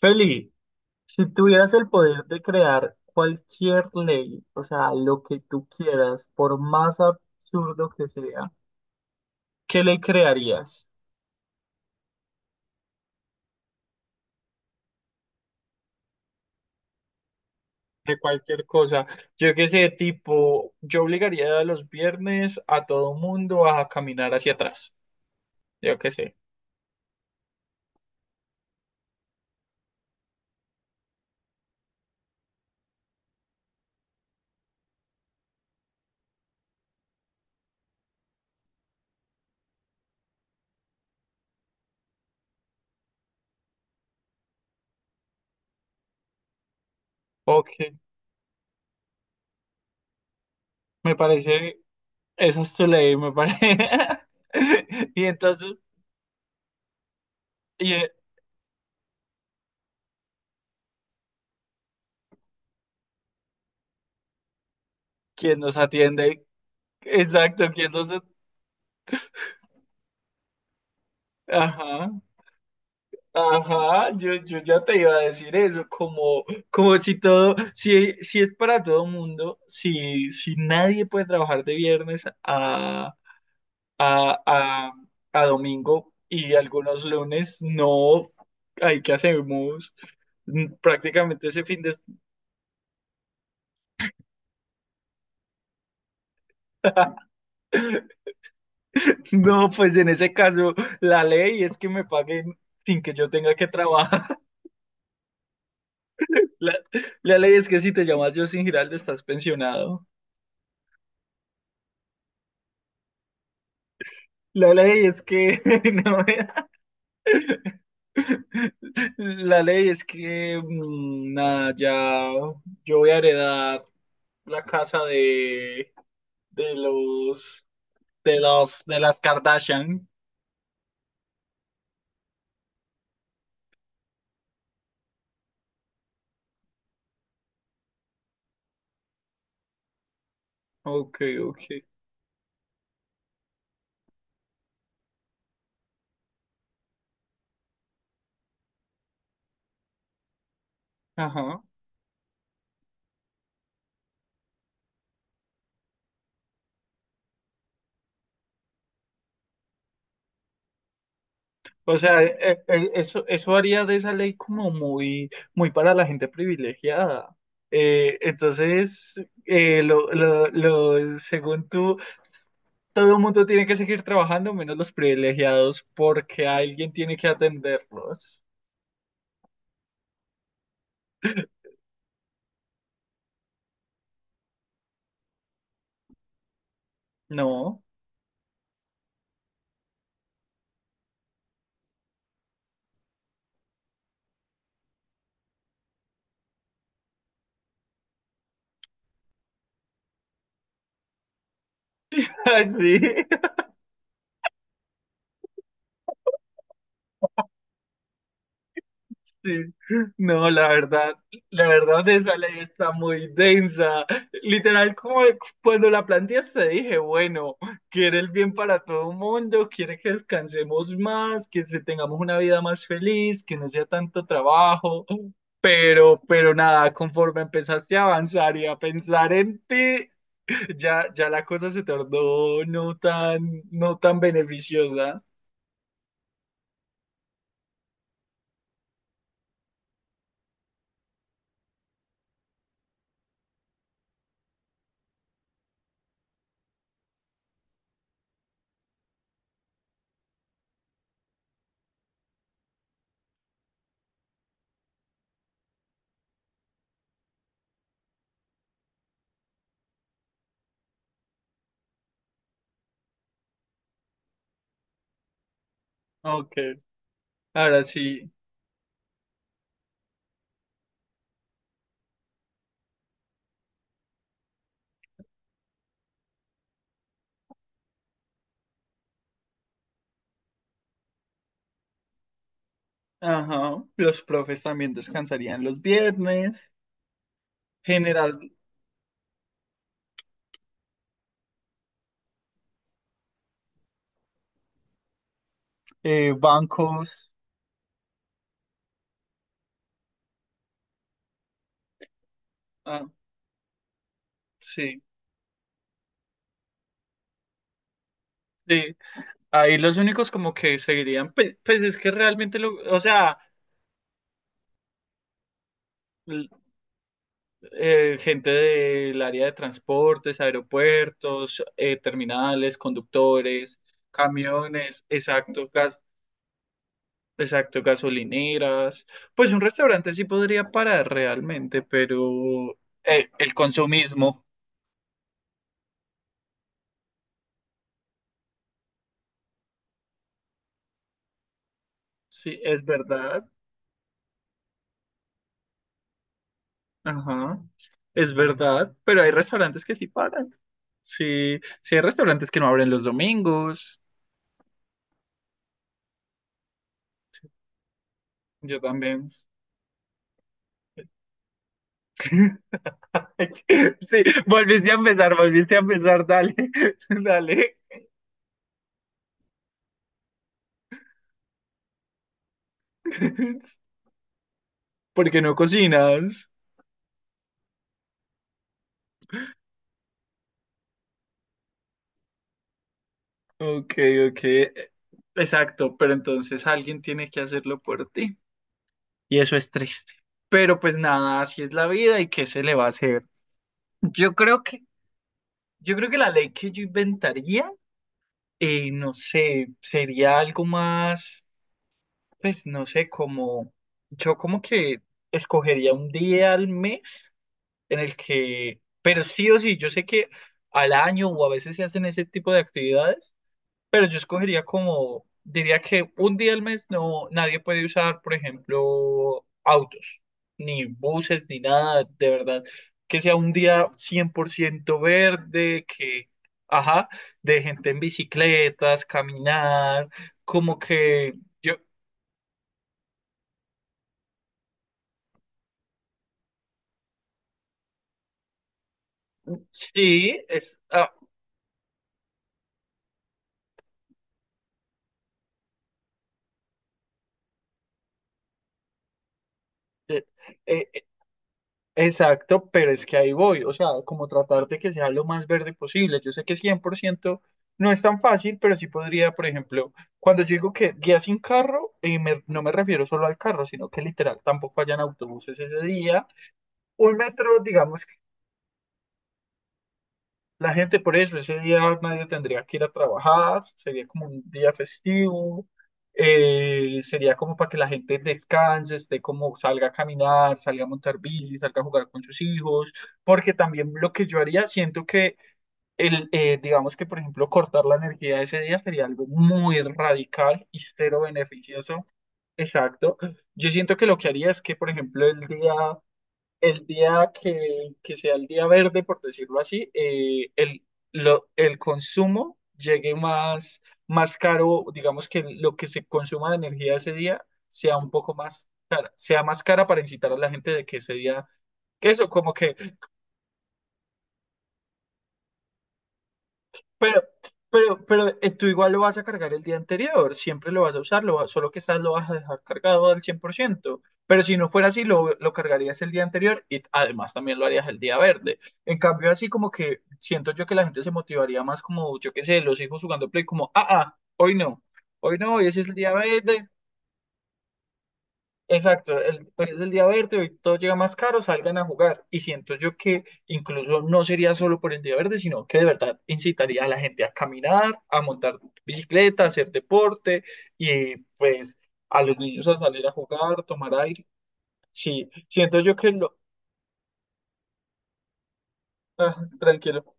Feli, si tuvieras el poder de crear cualquier ley, o sea, lo que tú quieras, por más absurdo que sea, ¿qué ley crearías? De cualquier cosa. Yo qué sé, tipo, yo obligaría a los viernes a todo mundo a caminar hacia atrás. Yo qué sé. Ok, me parece, esa es tu ley, me parece. Y entonces, y, eh, ¿quién nos atiende? Exacto, ¿quién nos... Ajá. Ajá, yo ya te iba a decir eso, como, como si todo, si es para todo mundo, si nadie puede trabajar de viernes a, a, a, a domingo y algunos lunes, no, hay que hacemos. Prácticamente ese fin de semana. No, pues en ese caso, la ley es que me paguen sin que yo tenga que trabajar. La, la ley es que si te llamas Justin Giraldo estás pensionado. La ley es que no. La ley es que, nada, ya yo voy a heredar la casa de, de los, de las Kardashian. Ok, ok. Ajá. O sea, eso haría de esa ley como muy, muy para la gente privilegiada. Entonces, según tú, todo el mundo tiene que seguir trabajando, menos los privilegiados, porque alguien tiene que atenderlos. No, sí, sí. No, la verdad esa ley está muy densa. Literal, como cuando la planteaste, dije, bueno, quiere el bien para todo el mundo, quiere que descansemos más, que se- tengamos una vida más feliz, que no sea tanto trabajo. Pero, nada, conforme empezaste a avanzar y a pensar en ti, ya la cosa se tornó no tan, no tan beneficiosa. Ok. Ahora sí. Ajá, los profes también descansarían los viernes, general, bancos, ah, sí, sí. Ahí los únicos como que seguirían, pues, es que realmente, o sea, l- gente del área de transportes, aeropuertos, terminales, conductores, camiones, exacto, exacto, gasolineras, pues un restaurante sí podría parar realmente, pero el consumismo, sí, es verdad. Ajá, es verdad, pero hay restaurantes que sí pagan. Sí, sí hay restaurantes que no abren los domingos. Yo también. Ay, sí, volviste a empezar, dale, dale. ¿Por qué no cocinas? Ok, ok. Exacto, pero entonces alguien tiene que hacerlo por ti. Y eso es triste. Pero pues nada, así es la vida y qué se le va a hacer. Yo creo que, yo creo que la ley que yo inventaría. No sé, sería algo más, pues no sé, como yo como que escogería un día al mes en el que, pero sí o sí, yo sé que al año o a veces se hacen ese tipo de actividades, pero yo escogería como, diría que un día al mes no, nadie puede usar, por ejemplo, autos, ni buses, ni nada, de verdad. Que sea un día 100% verde, que, ajá, de gente en bicicletas, caminar, como que yo, sí, es, ah, eh, eh, exacto, pero es que ahí voy, o sea, como tratar de que sea lo más verde posible. Yo sé que 100% no es tan fácil, pero sí podría, por ejemplo, cuando yo digo que día sin carro, me- no me refiero solo al carro, sino que literal tampoco hayan autobuses ese día. Un metro, digamos la gente por eso, ese día nadie tendría que ir a trabajar, sería como un día festivo, sería como para que la gente descanse, esté como salga a caminar, salga a montar bici, salga a jugar con sus hijos, porque también lo que yo haría, siento que el, digamos que por ejemplo cortar la energía ese día sería algo muy radical y cero beneficioso. Exacto. Yo siento que lo que haría es que, por ejemplo, el día que sea el día verde, por decirlo así, el consumo llegue más, más caro, digamos que lo que se consuma de energía ese día sea un poco más cara, sea más cara para incitar a la gente de que ese día, que eso, como que Pero, pero, tú igual lo vas a cargar el día anterior, siempre lo vas a usar, lo va- solo que estás lo vas a dejar cargado al 100%. Pero si no fuera así, lo cargarías el día anterior y además también lo harías el día verde. En cambio, así como que siento yo que la gente se motivaría más como, yo qué sé, los hijos jugando play como, ah, ah, hoy no, hoy no, hoy ese es el día verde, exacto, el, pues es el día verde, hoy todo llega más caro, salgan a jugar. Y siento yo que incluso no sería solo por el día verde, sino que de verdad incitaría a la gente a caminar, a montar bicicleta, a hacer deporte y pues a los niños a salir a jugar, tomar aire. Sí, siento yo que lo... ah, tranquilo.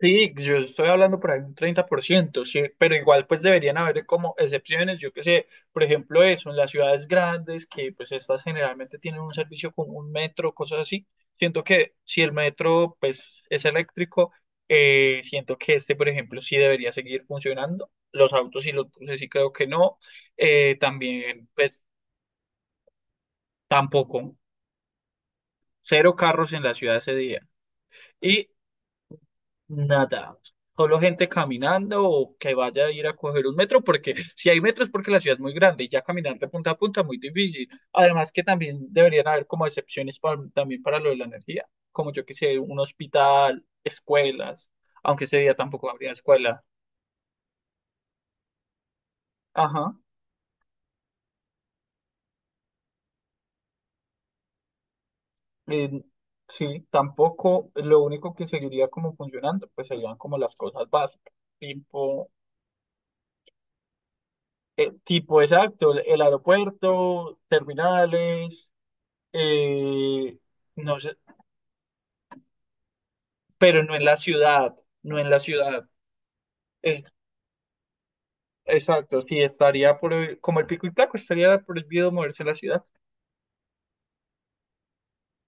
Sí, yo estoy hablando por ahí un 30%. Sí, pero igual pues deberían haber como excepciones, yo qué sé, por ejemplo eso, en las ciudades grandes que pues estas generalmente tienen un servicio con un metro, cosas así, siento que si el metro pues es eléctrico, siento que este por ejemplo sí debería seguir funcionando, los autos y los buses sí creo que no, también pues tampoco, cero carros en la ciudad ese día. Y nada, solo gente caminando o que vaya a ir a coger un metro, porque si hay metros porque la ciudad es muy grande y ya caminar de punta a punta es muy difícil. Además que también deberían haber como excepciones pa- también para lo de la energía, como yo que sé, un hospital, escuelas, aunque ese día tampoco habría escuela. Ajá, eh, sí, tampoco, lo único que seguiría como funcionando, pues serían como las cosas básicas, tipo, tipo exacto, el aeropuerto, terminales. Eh, no sé, pero no en la ciudad, no en la ciudad. Eh, exacto, sí, estaría por, como el pico y placo, estaría prohibido moverse en la ciudad.